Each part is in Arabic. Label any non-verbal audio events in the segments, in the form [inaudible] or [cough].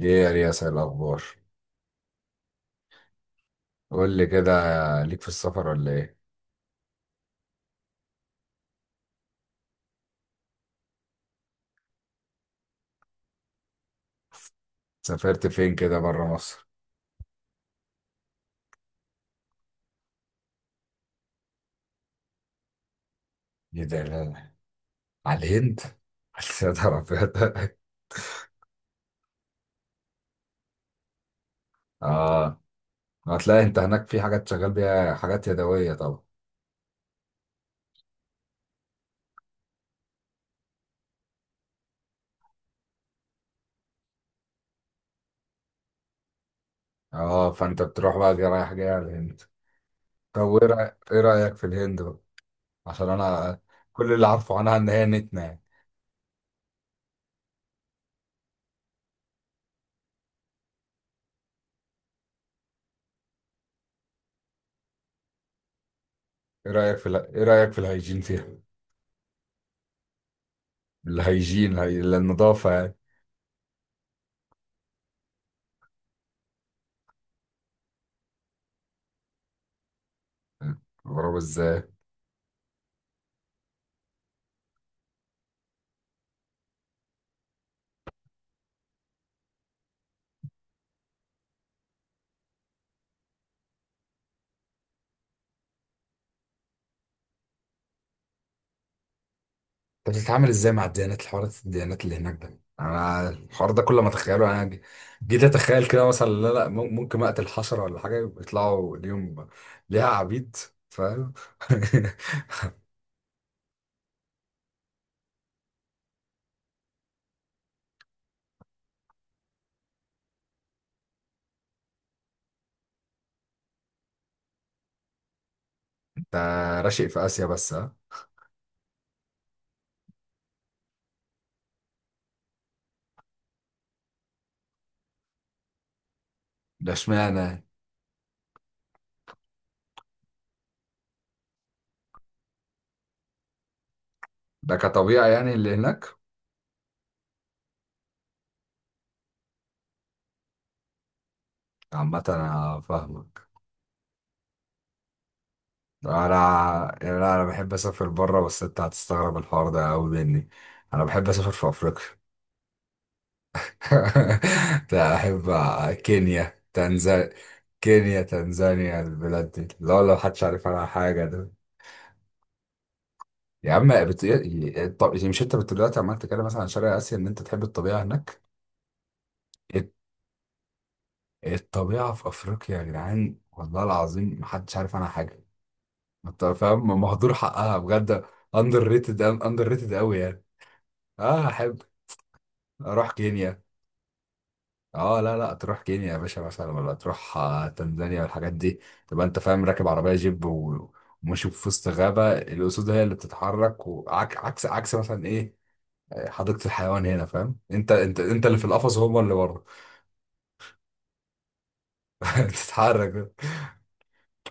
ايه يا رياس، إيه الاخبار؟ قول لي كده. ليك في السفر ولا ايه؟ سافرت فين كده بره مصر؟ ايه ده؟ لا لا. على الهند؟ [laughs] يا نهار أبيض. اه. هتلاقي انت هناك في حاجات شغال بيها، حاجات يدويه طبعا. اه، فانت بتروح بقى جاي، رايح جاي على الهند؟ طب وايه إيه رايك في الهند بقى؟ عشان انا، كل اللي عارفه عنها ان هي نتنه يعني. ايه رايك في الهيجين فيها؟ الهيجين هي النظافه يعني. بيضربوا ازاي؟ طب بتتعامل ازاي مع الديانات، الحوارات الديانات اللي هناك؟ ده انا الحوار ده كل ما اتخيله انا جيت اتخيل كده، مثلا لا لا، ممكن اقتل حشره ولا حاجه يطلعوا اليوم ليها عبيد، فاهم؟ [laughs] ده راشق في اسيا بس، ها؟ ده اشمعنى؟ ده كطبيعه يعني اللي هناك؟ عامه انا فاهمك. انا يعني انا بحب اسافر بره، بس انت هتستغرب الحوار ده قوي مني. انا بحب اسافر في افريقيا. [laughs] لا أحب كينيا، تنزانيا. كينيا، تنزانيا، البلاد دي لا، لو محدش عارف عنها حاجة ده. يا عم طب مش انت دلوقتي عمال تتكلم مثلا عن شرق آسيا ان انت تحب الطبيعة هناك؟ الت- الطبيعة في أفريقيا يا جدعان، والله العظيم محدش عارف عنها حاجة. انت فاهم، مهدور حقها بجد. اندر ريتد، اندر ريتد قوي يعني. اه، أحب أروح كينيا. اه لا لا، تروح كينيا يا باشا مثلا، ولا تروح تنزانيا والحاجات دي. تبقى انت فاهم راكب عربيه جيب وماشي في وسط غابه، الاسود هي اللي بتتحرك، وعكس عكس عكس مثلا، ايه؟ حديقه الحيوان هنا، فاهم؟ انت، انت اللي في القفص وهم اللي بره. [laughs] بتتحرك.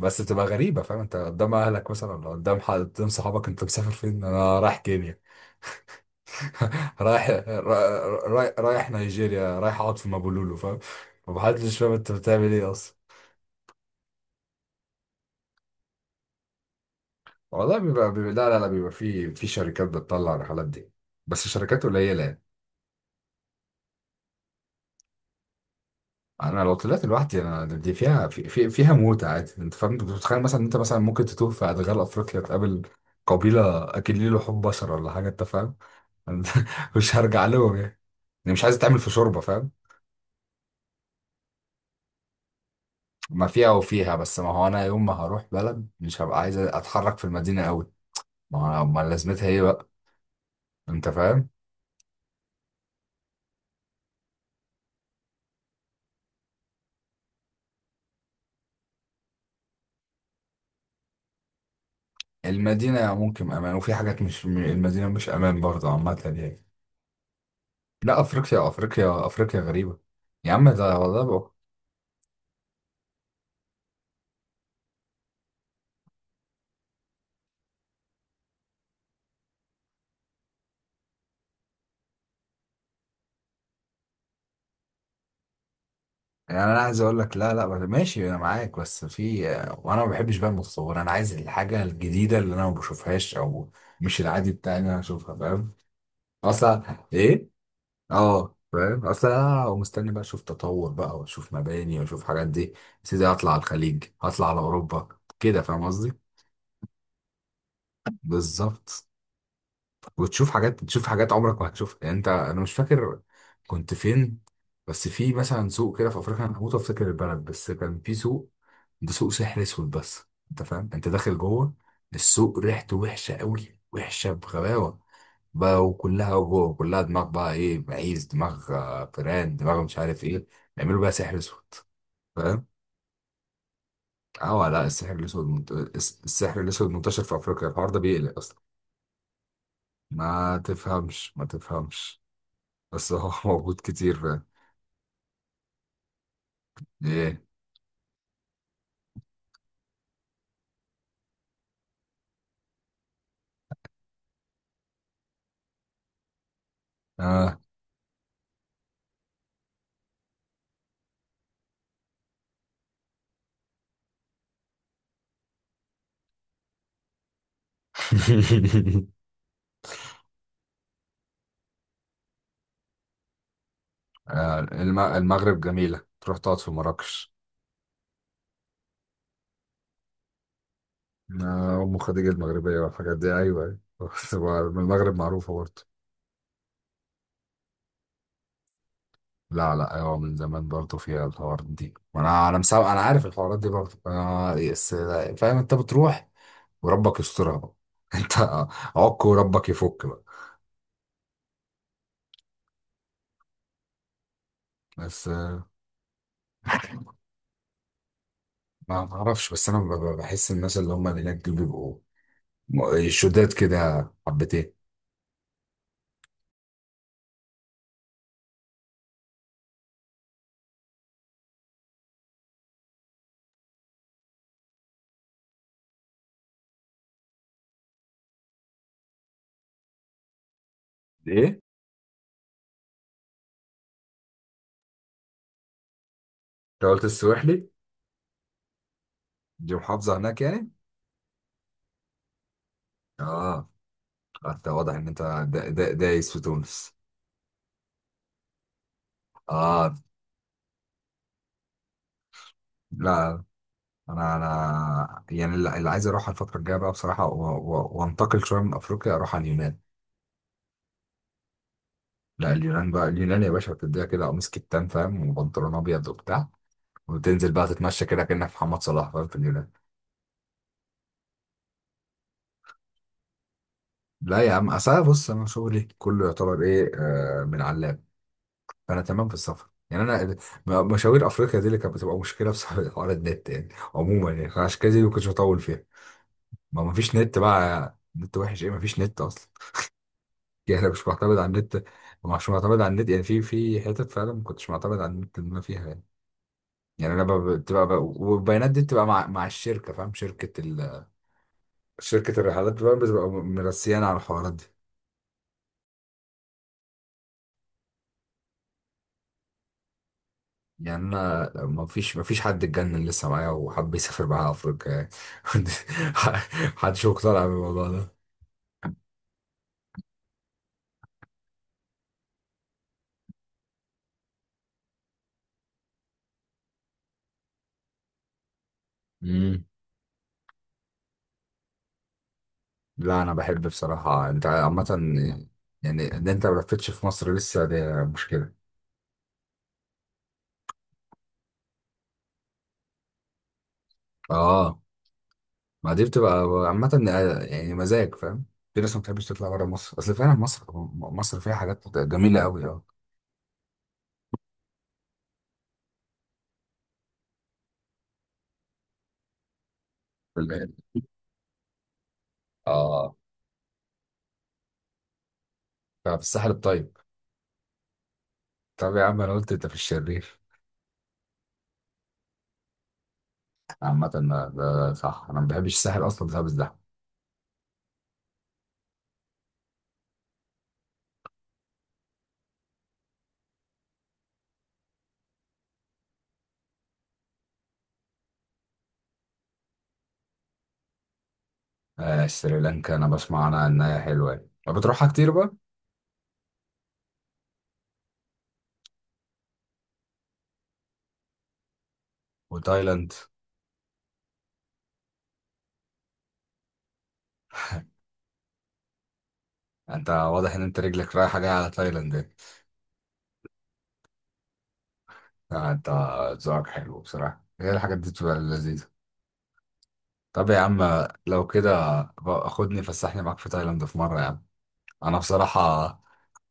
بس بتبقى غريبه، فاهم؟ انت قدام اهلك مثلا، ولا قدام حد، قدام صحابك، انت مسافر فين؟ انا رايح كينيا. [laughs] رايح، رايح، رايح نيجيريا، رايح اقعد في مابولولو، فاهم؟ ومحدش فاهم انت بتعمل ايه اصلا. والله بيبقى، لا لا لا، بيبقى في شركات بتطلع الرحلات دي. بس شركات قليله يعني. انا لو طلعت لوحدي، انا دي فيها، في في فيها موت عادي. انت فاهم، انت بتتخيل مثلا انت، مثلا ممكن تتوه في ادغال افريقيا، تقابل قبيله اكلين لحوم بشر ولا حاجه، انت فاهم؟ [laughs] مش هرجع لهم يعني. يعني مش عايز اتعمل في شوربه، فاهم؟ ما فيها وفيها، بس ما هو انا يوم ما هروح بلد مش هبقى عايز اتحرك في المدينه قوي. ما هو ما لازمتها ايه بقى؟ انت فاهم. المدينه ممكن امان، وفي حاجات مش المدينه مش امان برضه عامه يعني. لا افريقيا، افريقيا، افريقيا غريبه. يا عم ده والله بقى. يعني انا عايز اقول لك، لا لا ماشي انا معاك، بس في. وانا ما بحبش بقى المتصور، انا عايز الحاجه الجديده اللي انا ما بشوفهاش، او مش العادي بتاعي ان انا اشوفها، فاهم؟ اصلا، ايه؟ اه، فاهم اصلا. انا مستني بقى اشوف تطور بقى، واشوف مباني واشوف حاجات، دي يا سيدي هطلع على الخليج، هطلع على اوروبا، كده فاهم قصدي. بالظبط. وتشوف حاجات عمرك ما هتشوفها يعني. انت، انا مش فاكر كنت فين، بس في مثلا سوق كده في افريقيا، انا هموت افتكر البلد، بس كان في سوق، ده سوق سحر اسود بس. انت فاهم، انت داخل جوه السوق، ريحته وحشه قوي، وحشه بغباوه بقى، وكلها جوه كلها دماغ بقى، ايه، معيز دماغ، فيران دماغ، مش عارف ايه، بيعملوا بقى سحر اسود. فاهم؟ اه، لا، السحر الاسود السحر الاسود منتشر في افريقيا، الحوار ده بيقلق اصلا. ما تفهمش، ما تفهمش. بس هو [laughs] موجود كتير، فاهم؟ ايه. اه. [laughs] المغرب جميلة، تروح تقعد في مراكش. أم خديجة المغربية والحاجات دي، أيوة أيوة. بس هو من المغرب معروفة برضه. لا لا، أيوة، من زمان برضه فيها الحوارات دي، وأنا أنا مسا... أنا عارف الحوارات دي برضه، بس لا، فاهم أنت بتروح. وربك يسترها بقى، [laughs] أنت عك، وربك يفك بقى. بس ما أعرفش، بس أنا بحس الناس اللي هم اللي هناك دول بيبقوا شداد كده حبتين. ايه؟ انت قلت السويحلي؟ دي محافظة هناك يعني؟ اه. انت واضح ان انت دايس في تونس. اه. لا، انا يعني، اللي عايز اروح الفترة الجاية بقى بصراحة، وانتقل شوية من افريقيا، اروح على اليونان. لا اليونان بقى، اليونان يا باشا بتديها كده قميص كتان، فاهم، وبنطلون ابيض وبتاع، وتنزل بقى تتمشى كده كأنك محمد صلاح، فاهم، في اليونان. لا يا عم، اصل أنا بص، انا شغلي كله يعتبر ايه من علام. انا تمام في السفر، يعني انا مشاوير افريقيا دي اللي كانت بتبقى مشكله بسبب [laughs] حوار النت يعني. عموما يعني عشان كده دي ما كنتش بطول فيها. ما فيش نت بقى، نت وحش ايه، ما فيش نت اصلا. يعني انا مش معتمد على النت. مش معتمد على النت، يعني في حتت فعلا ما كنتش معتمد على النت اللي انا فيها يعني. يعني انا بتبقى والبيانات دي بتبقى مع الشركه، فاهم، شركه الرحلات بقى بتبقى مرسيانه على الحوارات دي. يعني انا ما فيش حد اتجنن لسه معايا وحب يسافر معايا افريقيا يعني. [laughs] محدش مقتنع بالموضوع ده. امم. لا انا بحب بصراحه، انت عامه يعني، ان انت ما لفتش في مصر لسه دي مشكله. اه. ما دي بتبقى عامه يعني، مزاج، فاهم. في ناس ما بتحبش تطلع بره مصر، اصل فعلا مصر، مصر فيها حاجات جميله قوي، اه. بالبعد. اه. طب الساحل الطيب؟ طب يا عم، انا قلت انت في الشرير. عامة ده، ده صح، انا ما بحبش الساحل اصلا بسبب الزحمة. آه، سريلانكا، انا بسمع عنها انها حلوه يعني. طب بتروحها كتير بقى؟ وتايلاند؟ انت واضح ان انت رجلك رايحه جايه على تايلاند يعني. آه، انت ذوقك حلو بصراحه، هي الحاجات دي بتبقى لذيذه. طب يا عم لو كده بقى خدني فسحني معاك في تايلاند في مره يا عم. انا بصراحه،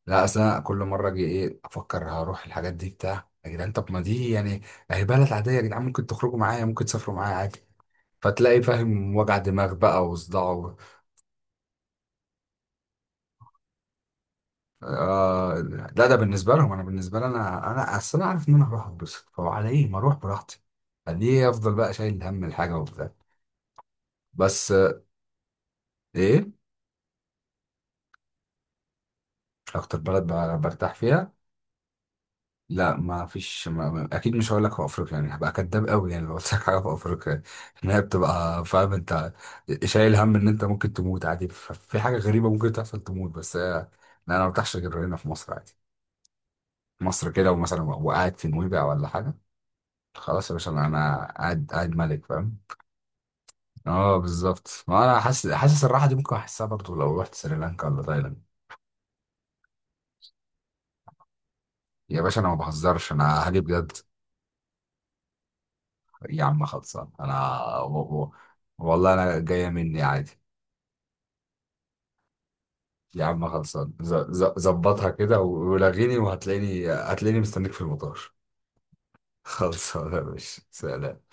لا اصل انا كل مره اجي ايه افكر هروح الحاجات دي بتاع يا جدعان، طب ما دي يعني هي بلد عاديه يا جدعان، ممكن تخرجوا معايا، ممكن تسافروا معايا عادي. فتلاقي فاهم وجع دماغ بقى وصداع. آه. لا ده بالنسبه لهم، انا بالنسبه لي، انا اصل انا عارف ان انا هروح اتبسط، فعلى ايه ما اروح براحتي؟ ليه افضل بقى شايل هم الحاجه وبتاع؟ بس ايه، اكتر بلد برتاح فيها، لا ما فيش، اكيد مش هقول لك في افريقيا يعني، هبقى كداب قوي يعني لو قلت لك حاجه في افريقيا ان هي بتبقى، فاهم انت شايل هم ان انت ممكن تموت عادي، في حاجه غريبه ممكن تحصل تموت، بس لا انا ما برتاحش غير هنا في مصر عادي. مصر كده، ومثلا وقاعد في نويبع ولا حاجه، خلاص يا باشا، انا قاعد، قاعد ملك، فاهم. اه بالظبط، ما انا حاسس، حاسس الراحه دي ممكن احسها برضو لو رحت سريلانكا ولا تايلاند. يا باشا انا ما بهزرش، انا هاجي بجد. يا عم خلصان، انا والله انا جايه مني عادي. يا عم خلصان، ظبطها كده، ولغيني، وهتلاقيني، هتلاقيني مستنيك في المطار. [laughs] خلصان يا باشا، سلام.